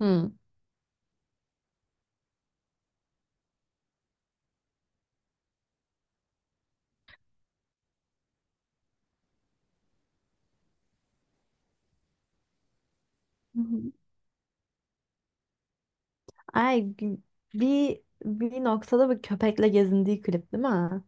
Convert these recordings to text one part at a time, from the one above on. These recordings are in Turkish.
Hı. Hı hı. Ay gü- bir noktada bir köpekle gezindiği klip değil mi?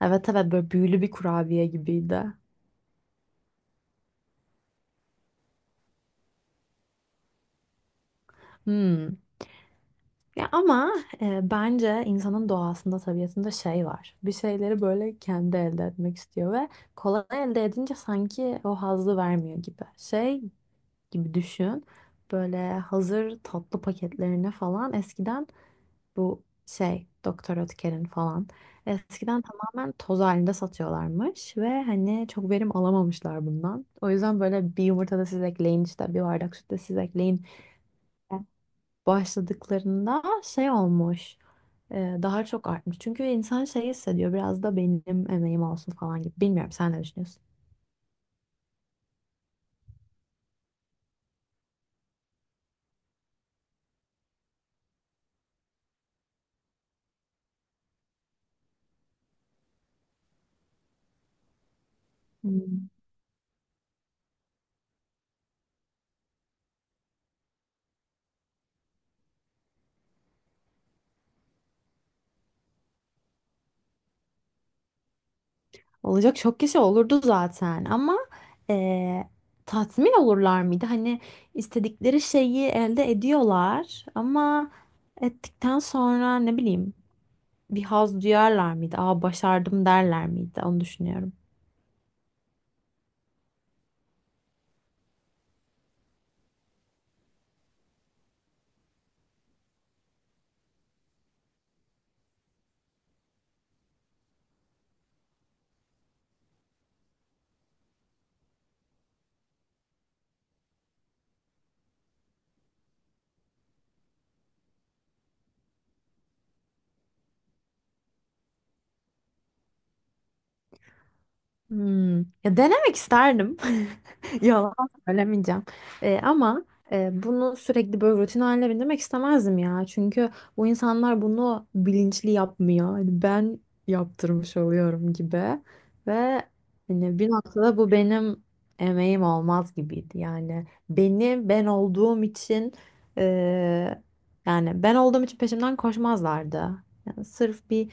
Evet evet, böyle büyülü bir kurabiye gibiydi. Hmm. Ya ama bence insanın doğasında, tabiatında şey var. Bir şeyleri böyle kendi elde etmek istiyor ve kolay elde edince sanki o hazzı vermiyor gibi. Şey gibi düşün. Böyle hazır tatlı paketlerine falan eskiden. Bu şey Doktor Ötker'in falan. Eskiden tamamen toz halinde satıyorlarmış ve hani çok verim alamamışlar bundan. O yüzden böyle bir yumurta da siz ekleyin, işte bir bardak süt de siz ekleyin başladıklarında şey olmuş. Daha çok artmış. Çünkü insan şey hissediyor, biraz da benim emeğim olsun falan gibi. Bilmiyorum, sen ne düşünüyorsun? Olacak çok kişi olurdu zaten ama eee, tatmin olurlar mıydı? Hani istedikleri şeyi elde ediyorlar ama ettikten sonra ne bileyim bir haz duyarlar mıydı? Aa, başardım derler miydi? Onu düşünüyorum. Hmm. Ya denemek isterdim. Yalan söylemeyeceğim. Ama bunu sürekli böyle rutin haline bindirmek istemezdim ya. Çünkü bu insanlar bunu bilinçli yapmıyor. Hani ben yaptırmış oluyorum gibi. Ve hani bir noktada bu benim emeğim olmaz gibiydi. Yani beni ben olduğum için e, yani ben olduğum için peşimden koşmazlardı. Yani sırf bir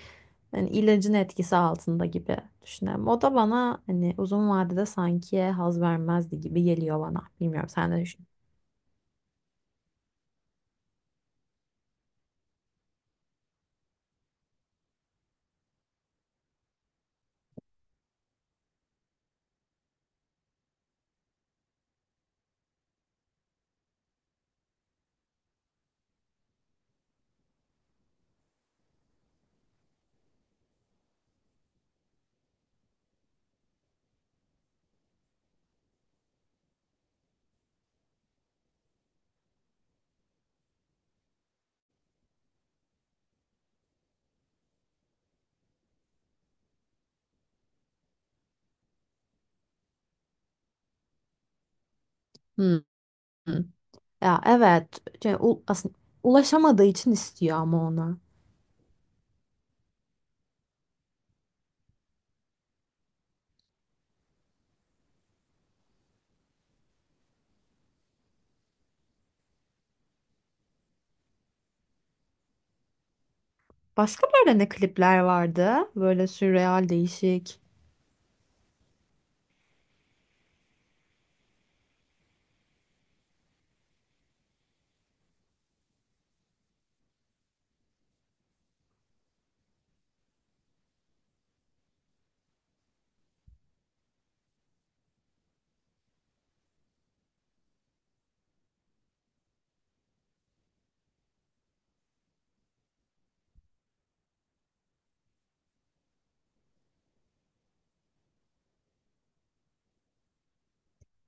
yani ilacın etkisi altında gibi düşünüyorum. O da bana hani uzun vadede sanki haz vermezdi gibi geliyor bana. Bilmiyorum, sen ne düşün? Hmm. Ya evet. Şey, aslında ulaşamadığı için istiyor ama ona. Başka böyle ne klipler vardı? Böyle sürreal, değişik.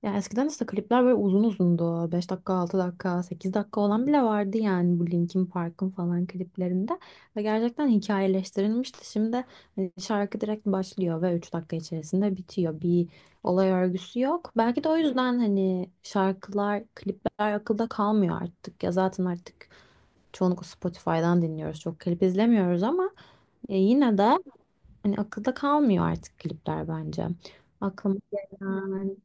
Ya eskiden işte klipler böyle uzun uzundu. 5 dakika, 6 dakika, 8 dakika olan bile vardı yani bu Linkin Park'ın falan kliplerinde. Ve gerçekten hikayeleştirilmişti. Şimdi hani şarkı direkt başlıyor ve 3 dakika içerisinde bitiyor. Bir olay örgüsü yok. Belki de o yüzden hani şarkılar, klipler akılda kalmıyor artık. Ya zaten artık çoğunlukla Spotify'dan dinliyoruz. Çok klip izlemiyoruz ama yine de hani akılda kalmıyor artık klipler bence. Aklıma gelen.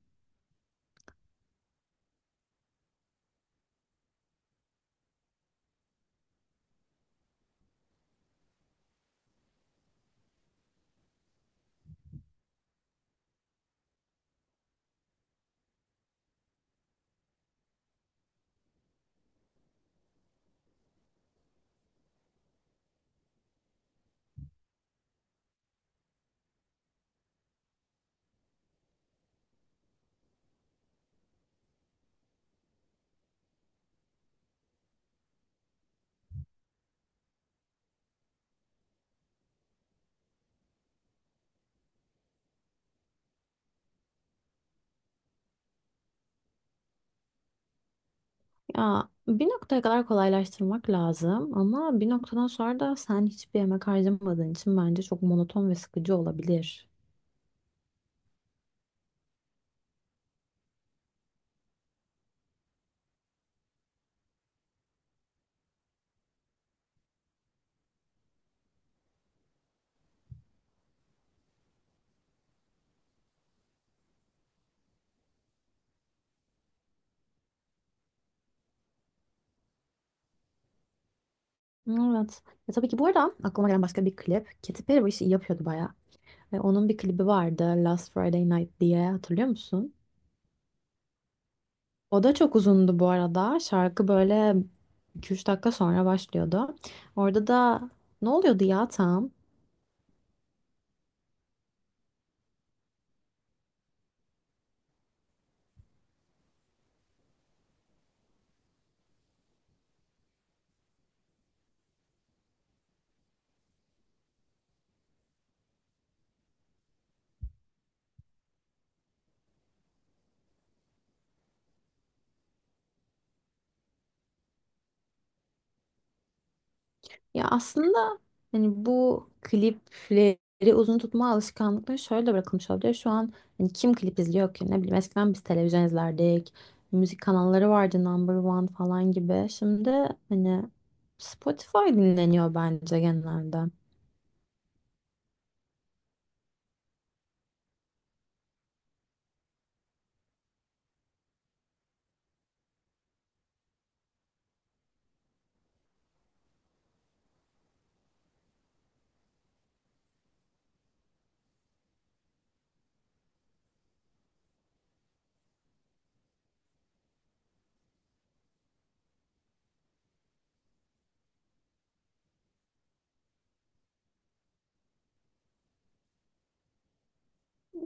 Ya bir noktaya kadar kolaylaştırmak lazım ama bir noktadan sonra da sen hiçbir emek harcamadığın için bence çok monoton ve sıkıcı olabilir. Evet. Ya tabii ki, bu arada aklıma gelen başka bir klip. Katy Perry bu işi iyi yapıyordu bayağı. Ve onun bir klibi vardı, Last Friday Night diye, hatırlıyor musun? O da çok uzundu bu arada. Şarkı böyle 2-3 dakika sonra başlıyordu. Orada da ne oluyordu ya tam? Ya aslında hani bu klipleri uzun tutma alışkanlıkları şöyle de bırakılmış olabilir. Şu an hani kim klip izliyor ki? Ne bileyim, eskiden biz televizyon izlerdik. Müzik kanalları vardı, Number One falan gibi. Şimdi hani Spotify dinleniyor bence genelde.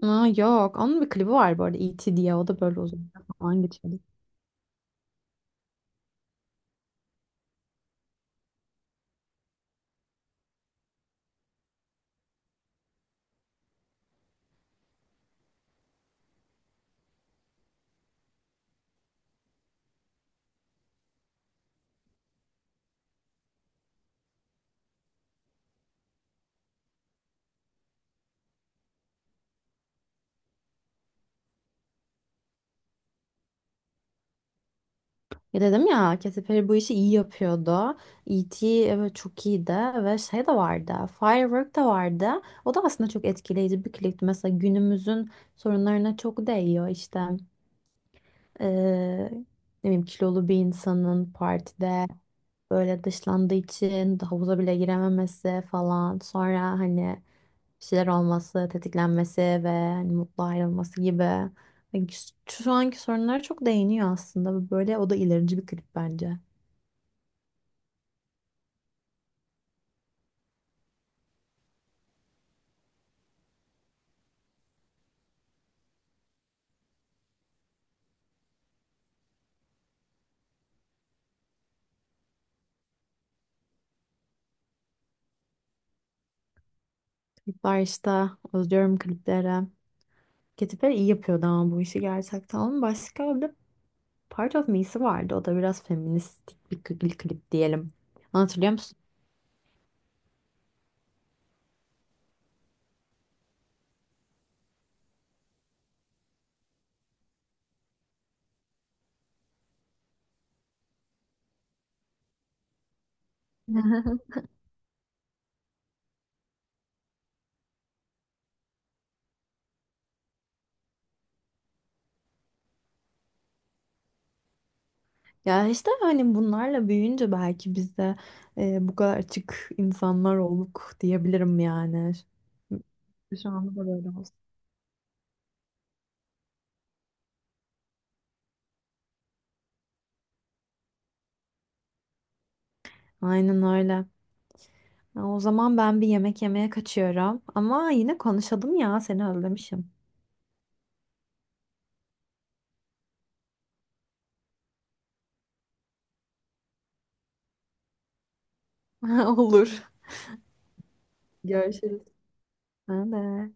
Aa, yok, onun bir klibi var bu arada, E.T. diye, o da böyle uzun falan geçiyor. Ya dedim ya, Katy Perry bu işi iyi yapıyordu. E.T., evet, çok iyiydi ve şey de vardı. Firework da vardı. O da aslında çok etkileyici bir klipti. Mesela günümüzün sorunlarına çok değiyor işte. Ee, Ne bileyim, kilolu bir insanın partide böyle dışlandığı için havuza bile girememesi falan. Sonra hani bir şeyler olması, tetiklenmesi ve hani mutlu ayrılması gibi. Yani şu anki sorunlara çok değiniyor aslında. Böyle o da ilerici bir klip bence. Klipler işte, özlüyorum klipleri. Katy Perry iyi yapıyordu ama bu işi gerçekten. Onun başka bir de Part of Me'si vardı. O da biraz feministik bir klip, klip diyelim. Hatırlıyor musun? Ya işte hani bunlarla büyüyünce belki biz de bu kadar açık insanlar olduk diyebilirim yani. Şu anda da böyle olsun. Aynen öyle. Ya, o zaman ben bir yemek yemeye kaçıyorum. Ama yine konuşalım, ya seni özlemişim. Olur. Görüşürüz. Ben de.